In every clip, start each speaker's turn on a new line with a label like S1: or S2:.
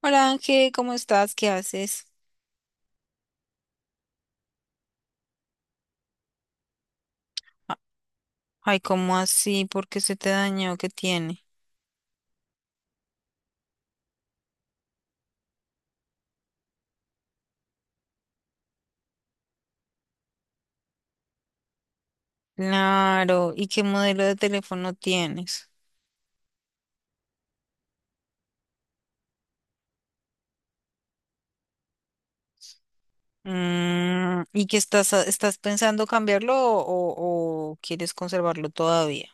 S1: Hola Ángel, ¿cómo estás? ¿Qué haces? A- Ay, ¿cómo así? ¿Por qué se te dañó? ¿Qué tiene? Claro, ¿y qué modelo de teléfono tienes? Mm, ¿y qué estás, estás pensando cambiarlo o quieres conservarlo todavía?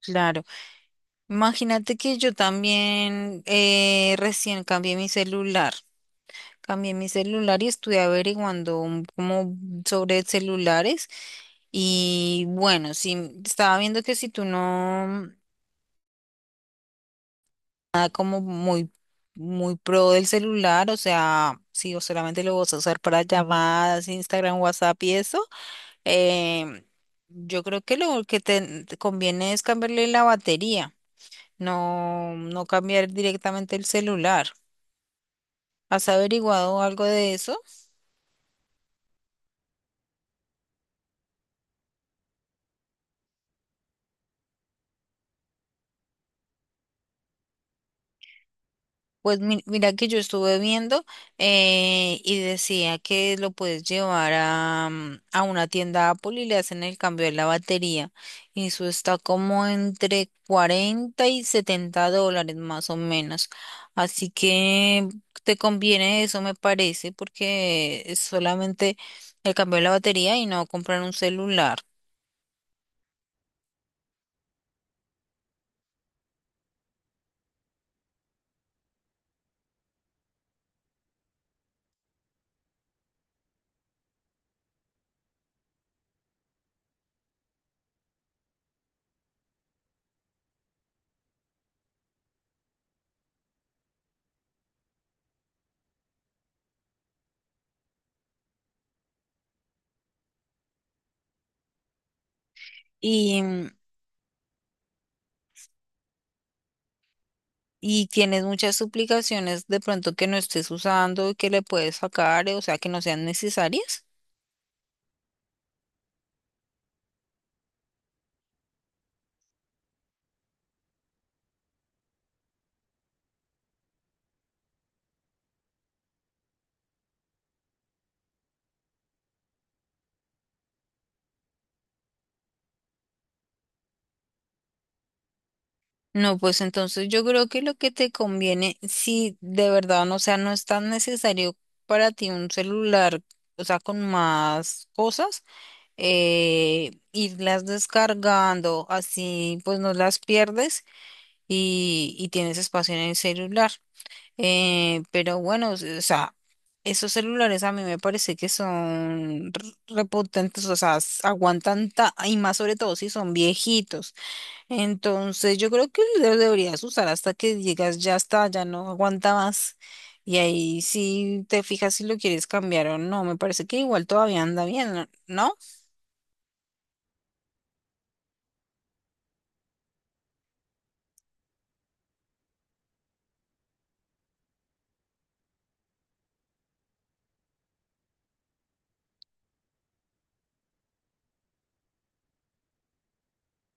S1: Claro, imagínate que yo también recién cambié mi celular. Cambié mi celular y estuve averiguando como sobre celulares. Y bueno, si estaba viendo que si tú no. Nada como muy pro del celular, o sea, si o solamente lo vas a usar para llamadas, Instagram, WhatsApp y eso, em, yo creo que lo que te conviene es cambiarle la batería, no cambiar directamente el celular. ¿Has averiguado algo de eso? Pues mira que yo estuve viendo y decía que lo puedes llevar a, a una tienda Apple y le hacen el cambio de la batería. Y eso está como entre 40 y 70 dólares más o menos. Así que te conviene eso, me parece, porque es solamente el cambio de la batería y no comprar un celular. Y tienes muchas suplicaciones de pronto que no estés usando y que le puedes sacar, o sea, que no sean necesarias. No, pues entonces yo creo que lo que te conviene, si de verdad, no, o sea, no es tan necesario para ti un celular, o sea, con más cosas, irlas descargando, así pues no las pierdes y tienes espacio en el celular. Pero bueno, o sea, esos celulares a mí me parece que son repotentes, o sea, aguantan y más sobre todo si son viejitos. Entonces yo creo que lo deberías usar hasta que digas ya está, ya no aguanta más. Y ahí sí te fijas si lo quieres cambiar o no. Me parece que igual todavía anda bien, ¿no?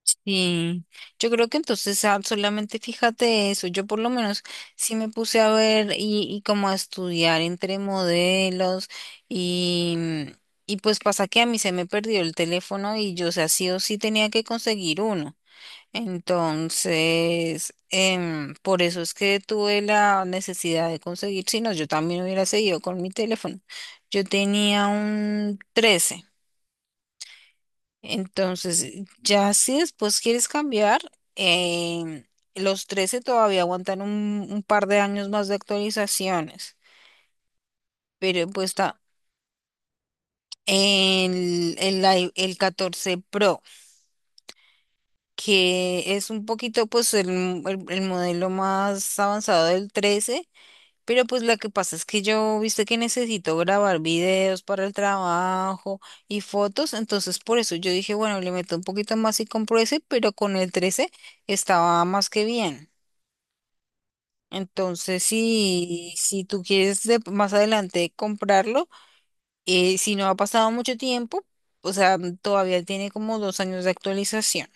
S1: Sí, yo creo que entonces solamente fíjate eso, yo por lo menos sí me puse a ver y como a estudiar entre modelos y, y pues pasa que a mí se me perdió el teléfono y yo, o sea, sí o sí tenía que conseguir uno. Entonces, por eso es que tuve la necesidad de conseguir, si no, yo también hubiera seguido con mi teléfono. Yo tenía un 13 entonces, ya si después quieres cambiar, em, los 13 todavía aguantan un par de años más de actualizaciones, pero pues está el 14 Pro, que es un poquito pues el modelo más avanzado del 13. Pero pues lo que pasa es que yo, viste que necesito grabar videos para el trabajo y fotos, entonces por eso yo dije, bueno, le meto un poquito más y compro ese, pero con el 13 estaba más que bien. Entonces, si, si tú quieres más adelante comprarlo, si no ha pasado mucho tiempo, o sea, todavía tiene como dos años de actualización.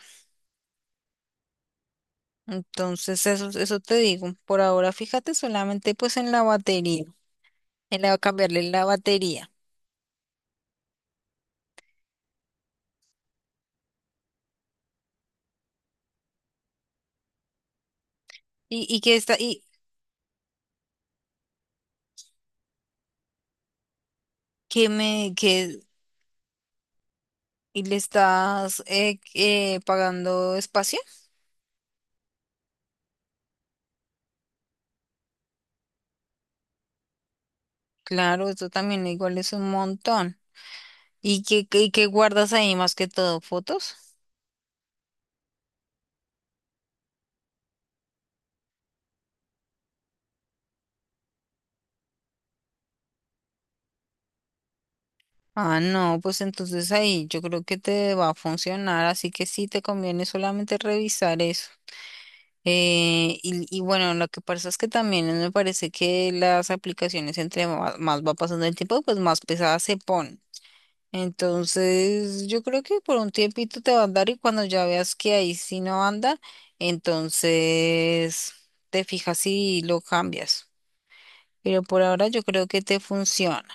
S1: Entonces, eso te digo. Por ahora, fíjate solamente pues en la batería, cambiarle la batería. Y que está, y, que me que Y le estás pagando espacio. Claro, eso también igual es un montón. ¿Y qué guardas ahí más que todo? ¿Fotos? Ah, no, pues entonces ahí yo creo que te va a funcionar, así que sí te conviene solamente revisar eso. Y bueno, lo que pasa es que también me parece que las aplicaciones entre más va pasando el tiempo, pues más pesadas se ponen. Entonces, yo creo que por un tiempito te va a andar y cuando ya veas que ahí sí no anda, entonces te fijas y lo cambias. Pero por ahora yo creo que te funciona.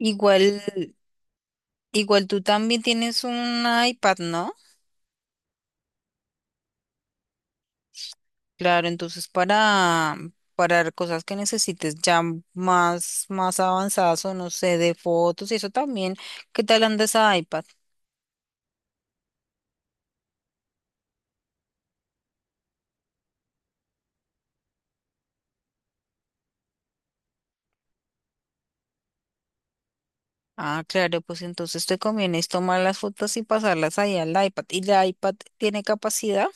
S1: Igual, igual tú también tienes un iPad, ¿no? Claro, entonces para cosas que necesites ya más avanzadas o no sé, de fotos y eso también, ¿qué tal anda ese iPad? Ah, claro, pues entonces te conviene es tomar las fotos y pasarlas ahí al iPad. ¿Y el iPad tiene capacidad?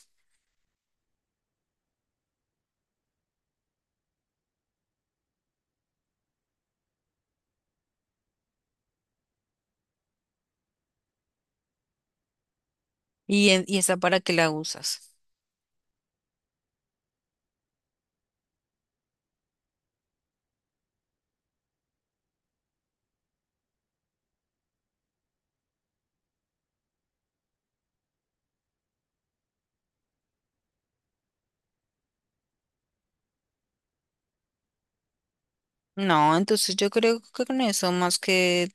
S1: ¿Y, y esa para qué la usas? No, entonces yo creo que con eso más que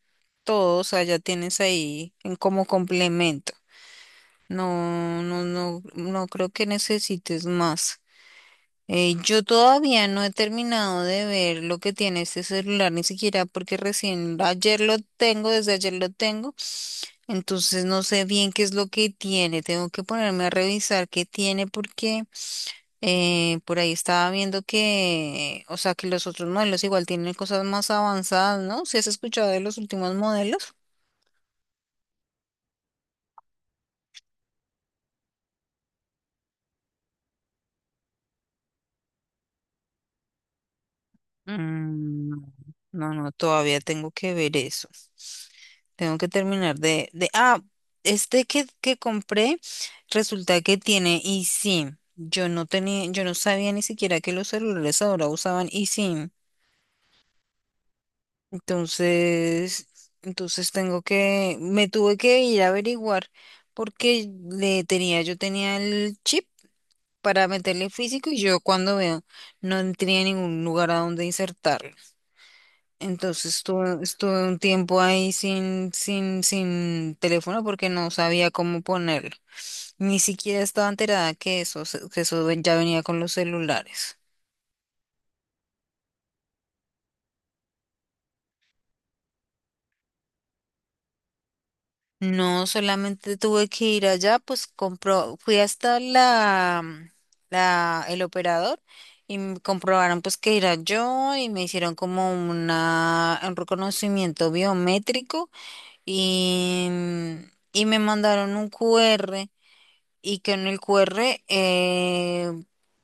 S1: todo, o sea, ya tienes ahí en como complemento. No creo que necesites más. Yo todavía no he terminado de ver lo que tiene este celular, ni siquiera porque recién ayer lo tengo, desde ayer lo tengo. Entonces no sé bien qué es lo que tiene, tengo que ponerme a revisar qué tiene porque por ahí estaba viendo que, o sea, que los otros modelos igual tienen cosas más avanzadas, ¿no? ¿Si has escuchado de los últimos modelos? Mm, no, todavía tengo que ver eso. Tengo que terminar este que compré resulta que tiene eSIM. Yo no tenía, yo no sabía ni siquiera que los celulares ahora usaban eSIM. Entonces, entonces tengo que, me tuve que ir a averiguar porque le tenía, yo tenía el chip para meterle físico y yo cuando veo no tenía ningún lugar a donde insertarlo. Entonces estuve un tiempo ahí sin teléfono porque no sabía cómo ponerlo. Ni siquiera estaba enterada que que ya venía con los celulares. No, solamente tuve que ir allá, pues compró, fui hasta el operador y me comprobaron pues que era yo y me hicieron como una, un reconocimiento biométrico y me mandaron un QR y que en el QR eh,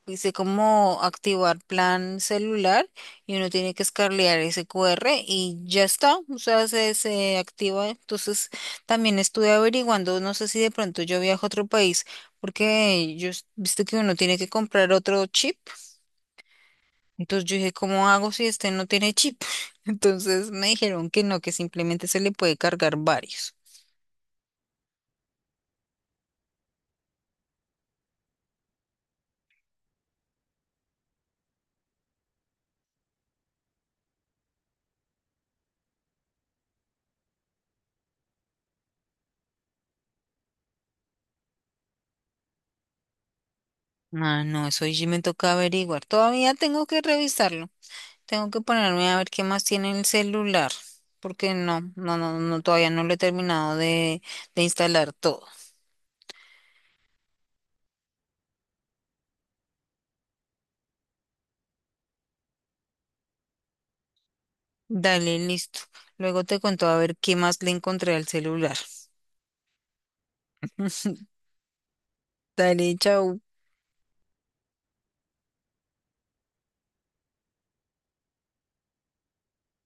S1: dice cómo activar plan celular y uno tiene que escarlear ese QR y ya está, o sea, se activa. Entonces, también estuve averiguando, no sé si de pronto yo viajo a otro país, porque yo, viste que uno tiene que comprar otro chip, entonces yo dije, ¿cómo hago si este no tiene chip? Entonces me dijeron que no, que simplemente se le puede cargar varios. Ah, no, eso ya me toca averiguar. Todavía tengo que revisarlo. Tengo que ponerme a ver qué más tiene el celular, porque no, todavía no lo he terminado de instalar todo. Dale, listo. Luego te cuento a ver qué más le encontré al celular. Dale, chao.